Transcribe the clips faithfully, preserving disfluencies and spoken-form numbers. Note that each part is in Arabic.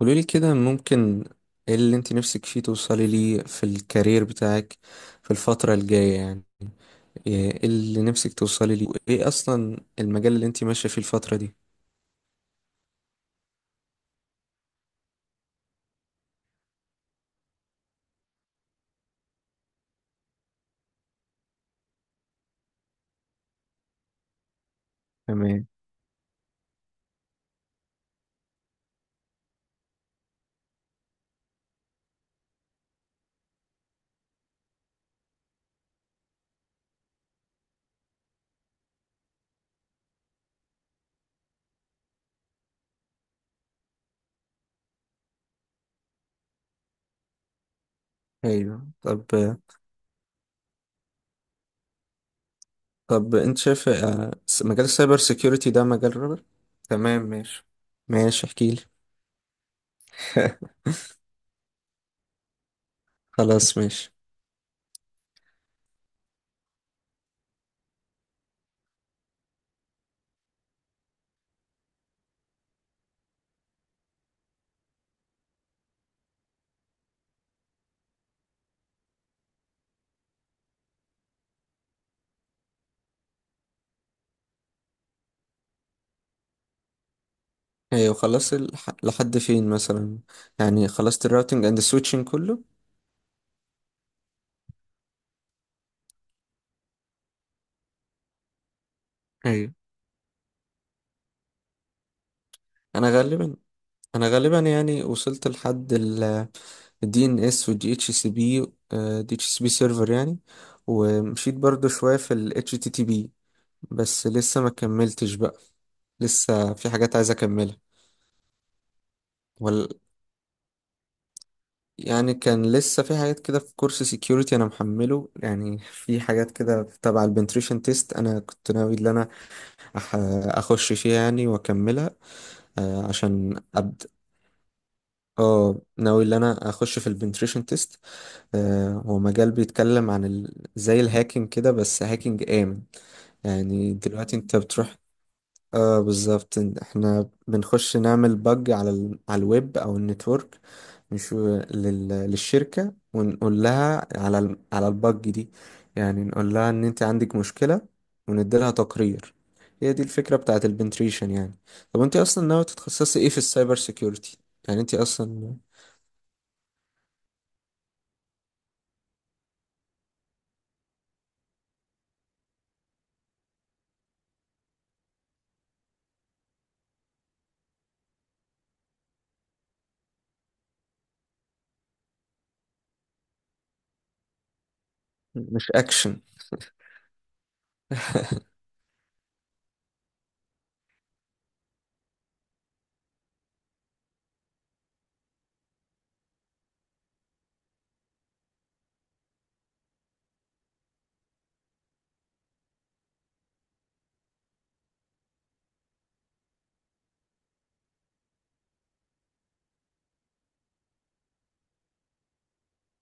قولولي كده ممكن، ايه اللي انت نفسك فيه توصلي ليه في الكارير بتاعك في الفترة الجاية؟ يعني ايه إيه اللي نفسك توصلي ليه، وايه اصلا المجال اللي انت ماشية فيه الفترة دي؟ تمام. ايوه. طب طب انت شايف آه، س- مجال السايبر سيكيورتي ده مجال رابر. تمام، ماشي. ماشي، احكيلي. خلاص ماشي. ايوه، خلصت الح... لحد فين مثلا؟ يعني خلصت الراوتنج اند السويتشنج كله؟ ايوه. انا غالبا انا غالبا يعني وصلت لحد دي ان اس ودي اتش سي بي، دي اتش سي بي سيرفر يعني. ومشيت برضو شوية في ال اتش تي تي بي، بس لسه ما كملتش بقى. لسه في حاجات عايز اكملها، وال... يعني كان لسه في حاجات كده في كورس سيكيورتي انا محمله، يعني في حاجات كده تبع البنتريشن تيست انا كنت ناوي ان انا أح... اخش فيها يعني واكملها. آه عشان ابدا. اه، ناوي ان انا اخش في البنتريشن تيست. آه، هو مجال بيتكلم عن ال... زي الهاكينج كده، بس هاكينج آمن. يعني دلوقتي انت بتروح. اه، بالظبط، ان- احنا بنخش نعمل بج على ال... على الويب او النتورك. مش لل... للشركة، ونقول لها على ال... على البج دي. يعني نقول لها ان انت عندك مشكلة، ونديلها تقرير. هي دي الفكرة بتاعت البنتريشن يعني. طب انت اصلا ناوي تتخصصي ايه في السايبر سيكيورتي؟ يعني انت اصلا. مش اكشن.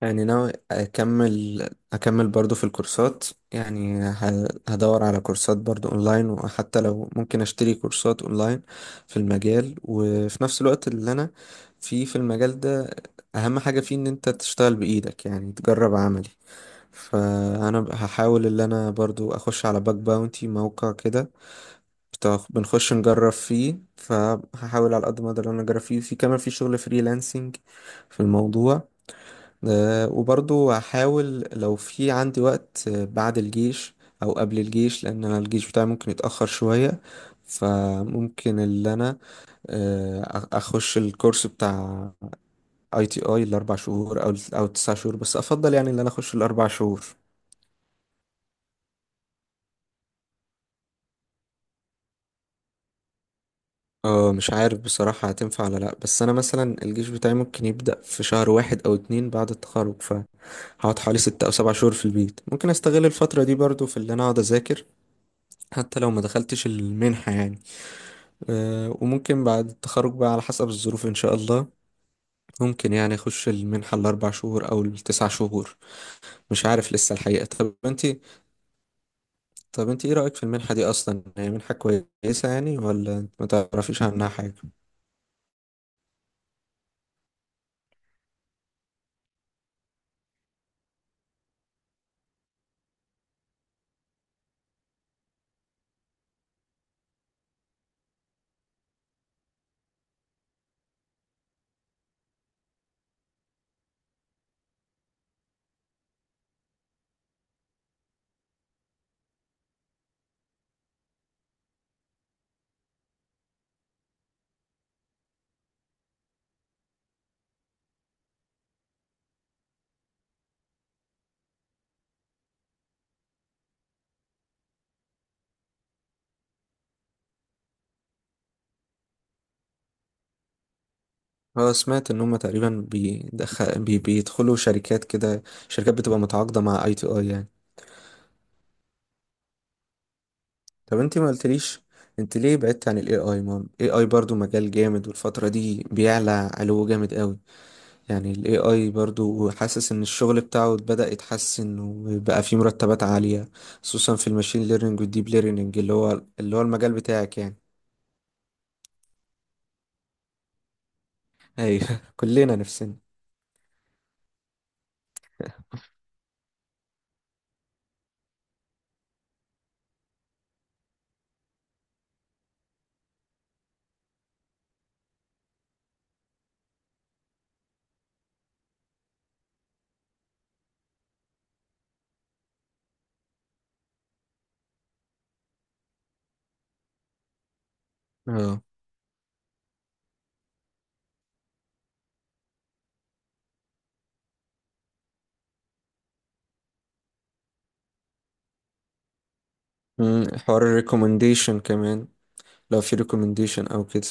يعني ناوي أكمل أكمل برضو في الكورسات. يعني ه- هدور على كورسات برضو أونلاين، وحتى لو ممكن أشتري كورسات أونلاين في المجال. وفي نفس الوقت اللي أنا فيه في المجال ده، أهم حاجة فيه إن أنت تشتغل بإيدك، يعني تجرب عملي. فأنا ب- هحاول اللي أنا برضو أخش على باك باونتي موقع كده، بتاع- بنخش نجرب فيه. فهحاول على قد ما أقدر إن أنا أجرب فيه، في كمان في شغل فريلانسنج في الموضوع. آه، وبرضو هحاول لو في عندي وقت آه، بعد الجيش او قبل الجيش، لان انا الجيش بتاعي ممكن يتأخر شوية. فممكن اللي انا آه، أ- اخش الكورس بتاع اي تي اي الاربع شهور او او التسع شهور، بس افضل يعني اللي انا اخش الاربع شهور. اه، مش عارف بصراحة هتنفع ولا لأ، بس أنا مثلا الجيش بتاعي ممكن يبدأ في شهر واحد أو اتنين بعد التخرج. فهقعد حوالي ستة أو سبع شهور في البيت، ممكن أستغل الفترة دي برضو في اللي أنا أقعد أذاكر، حتى لو ما دخلتش المنحة يعني. آه، وممكن بعد التخرج بقى على حسب الظروف إن شاء الله ممكن يعني أخش المنحة الأربع شهور أو التسع شهور. مش عارف لسه الحقيقة. طب أنتي طب أنتي إيه رأيك في المنحة دي أصلا؟ هي منحة كويسة يعني، ولا أنت ما تعرفيش عنها حاجة؟ أه، سمعت إن هما تقريبا بيدخ... بي... بيدخلوا شركات كده، شركات بتبقى متعاقدة مع أي تي أي يعني. طب أنتي ما قلتليش، أنت ليه بعدت عن ال A I؟ ما ال إيه آي برضو مجال جامد، والفترة دي بيعلى علو جامد قوي. يعني ال إيه آي برضو، حاسس ان الشغل بتاعه بدأ يتحسن، وبقى فيه مرتبات عالية، خصوصا في الماشين ليرنينج والديب ليرنينج، اللي هو اللي هو المجال بتاعك يعني. ايوه، كلنا نفسنا. اه، مم، حوار الريكومنديشن كمان. لو في ريكومنديشن او كده.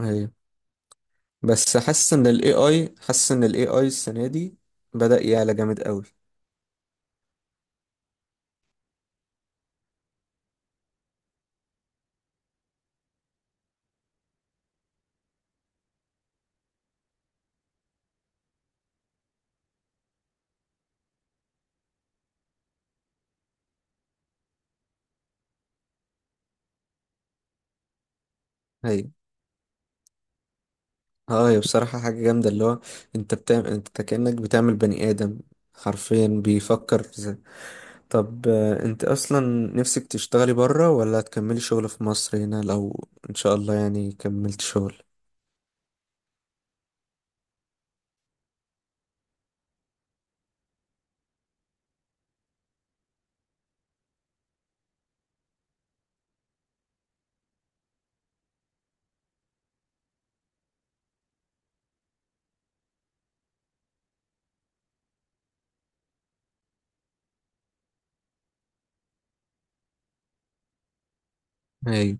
ايوه. بس حاسس ان ال إيه آي، حاسس ان ال إيه آي السنة دي بدأ يعلى جامد قوي. ايوه. اه، هي بصراحة حاجة جامدة، اللي هو انت بتعمل انت كأنك بتعمل بني آدم حرفيا بيفكر. طب آه، انت اصلا نفسك تشتغلي بره، ولا هتكملي شغل في مصر هنا لو ان شاء الله يعني كملت شغل؟ ايوه.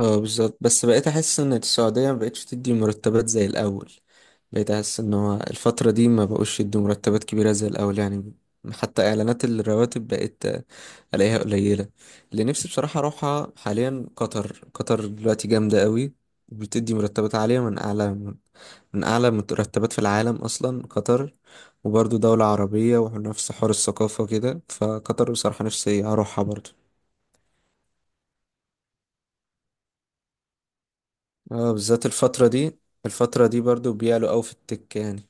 اه، بالظبط، بس بقيت احس ان السعودية ما بقتش تدي مرتبات زي الاول. بقيت احس ان هو الفترة دي ما بقوش يدوا مرتبات كبيرة زي الاول يعني. حتى اعلانات الرواتب بقيت آه، الاقيها قليلة. اللي نفسي بصراحة اروحها حاليا قطر. قطر دلوقتي جامدة قوي، بتدي مرتبات عالية، من اعلى من أعلى المرتبات في العالم أصلا قطر. وبرضو دولة عربية، ونفس حوار الثقافة كده. فقطر بصراحة نفسي أروحها برضو. اه، بالذات الفترة دي الفترة دي برضو بيعلوا أوي في التك يعني.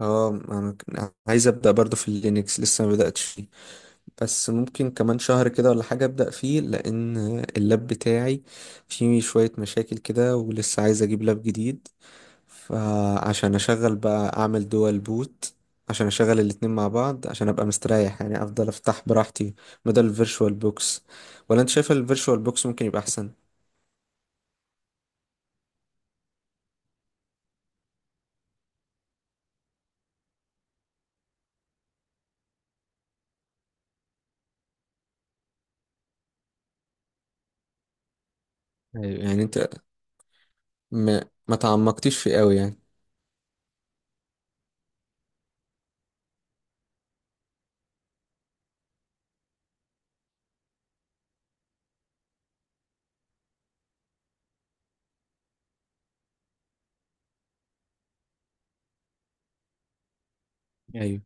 اه، أنا ك- عايز أبدأ برضو في اللينكس، لسه ما بدأتش فيه. بس ممكن كمان شهر كده ولا حاجة أبدأ فيه، لأن اللاب بتاعي فيه شوية مشاكل كده، ولسه عايز أجيب لاب جديد، فعشان اشغل بقى اعمل دوال بوت، عشان اشغل الاتنين مع بعض عشان ابقى مستريح يعني، افضل افتح براحتي بدل الفيرشوال بوكس. ولا انت شايف الفيرشوال بوكس ممكن يبقى احسن؟ ايوه. يعني انت ما, ما تعمقتيش فيه قوي يعني؟ ايوه.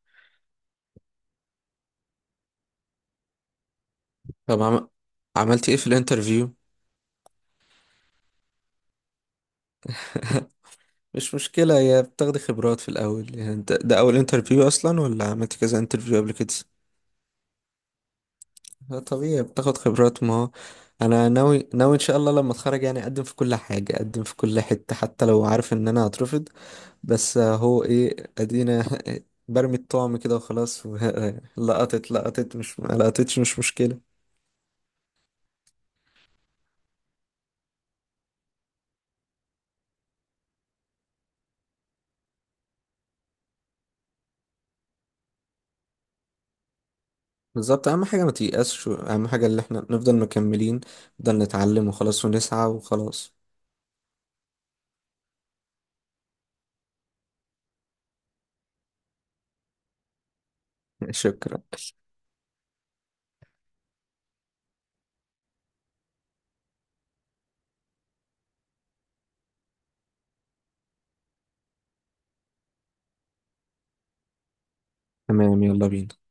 طب عم... عملت ايه في الانترفيو؟ مش مشكلة، يا بتاخدي خبرات في الاول. يعني انت ده اول انترفيو اصلا، ولا عملت كذا انترفيو قبل كده؟ لا، طبيعي بتاخد خبرات. ما هو انا ناوي ناوي ان شاء الله لما اتخرج يعني اقدم في كل حاجه، اقدم في كل حته، حتى لو عارف ان انا هترفض. بس هو ايه، ادينا برمي الطعم كده وخلاص و- لقطت لقطت، مش ما لقطتش، مش مشكله. بالظبط، اهم حاجه ما تيأسش. اهم حاجه اللي احنا نفضل مكملين، نفضل نتعلم وخلاص، ونسعى وخلاص. شكرا. تمام، يلا بينا.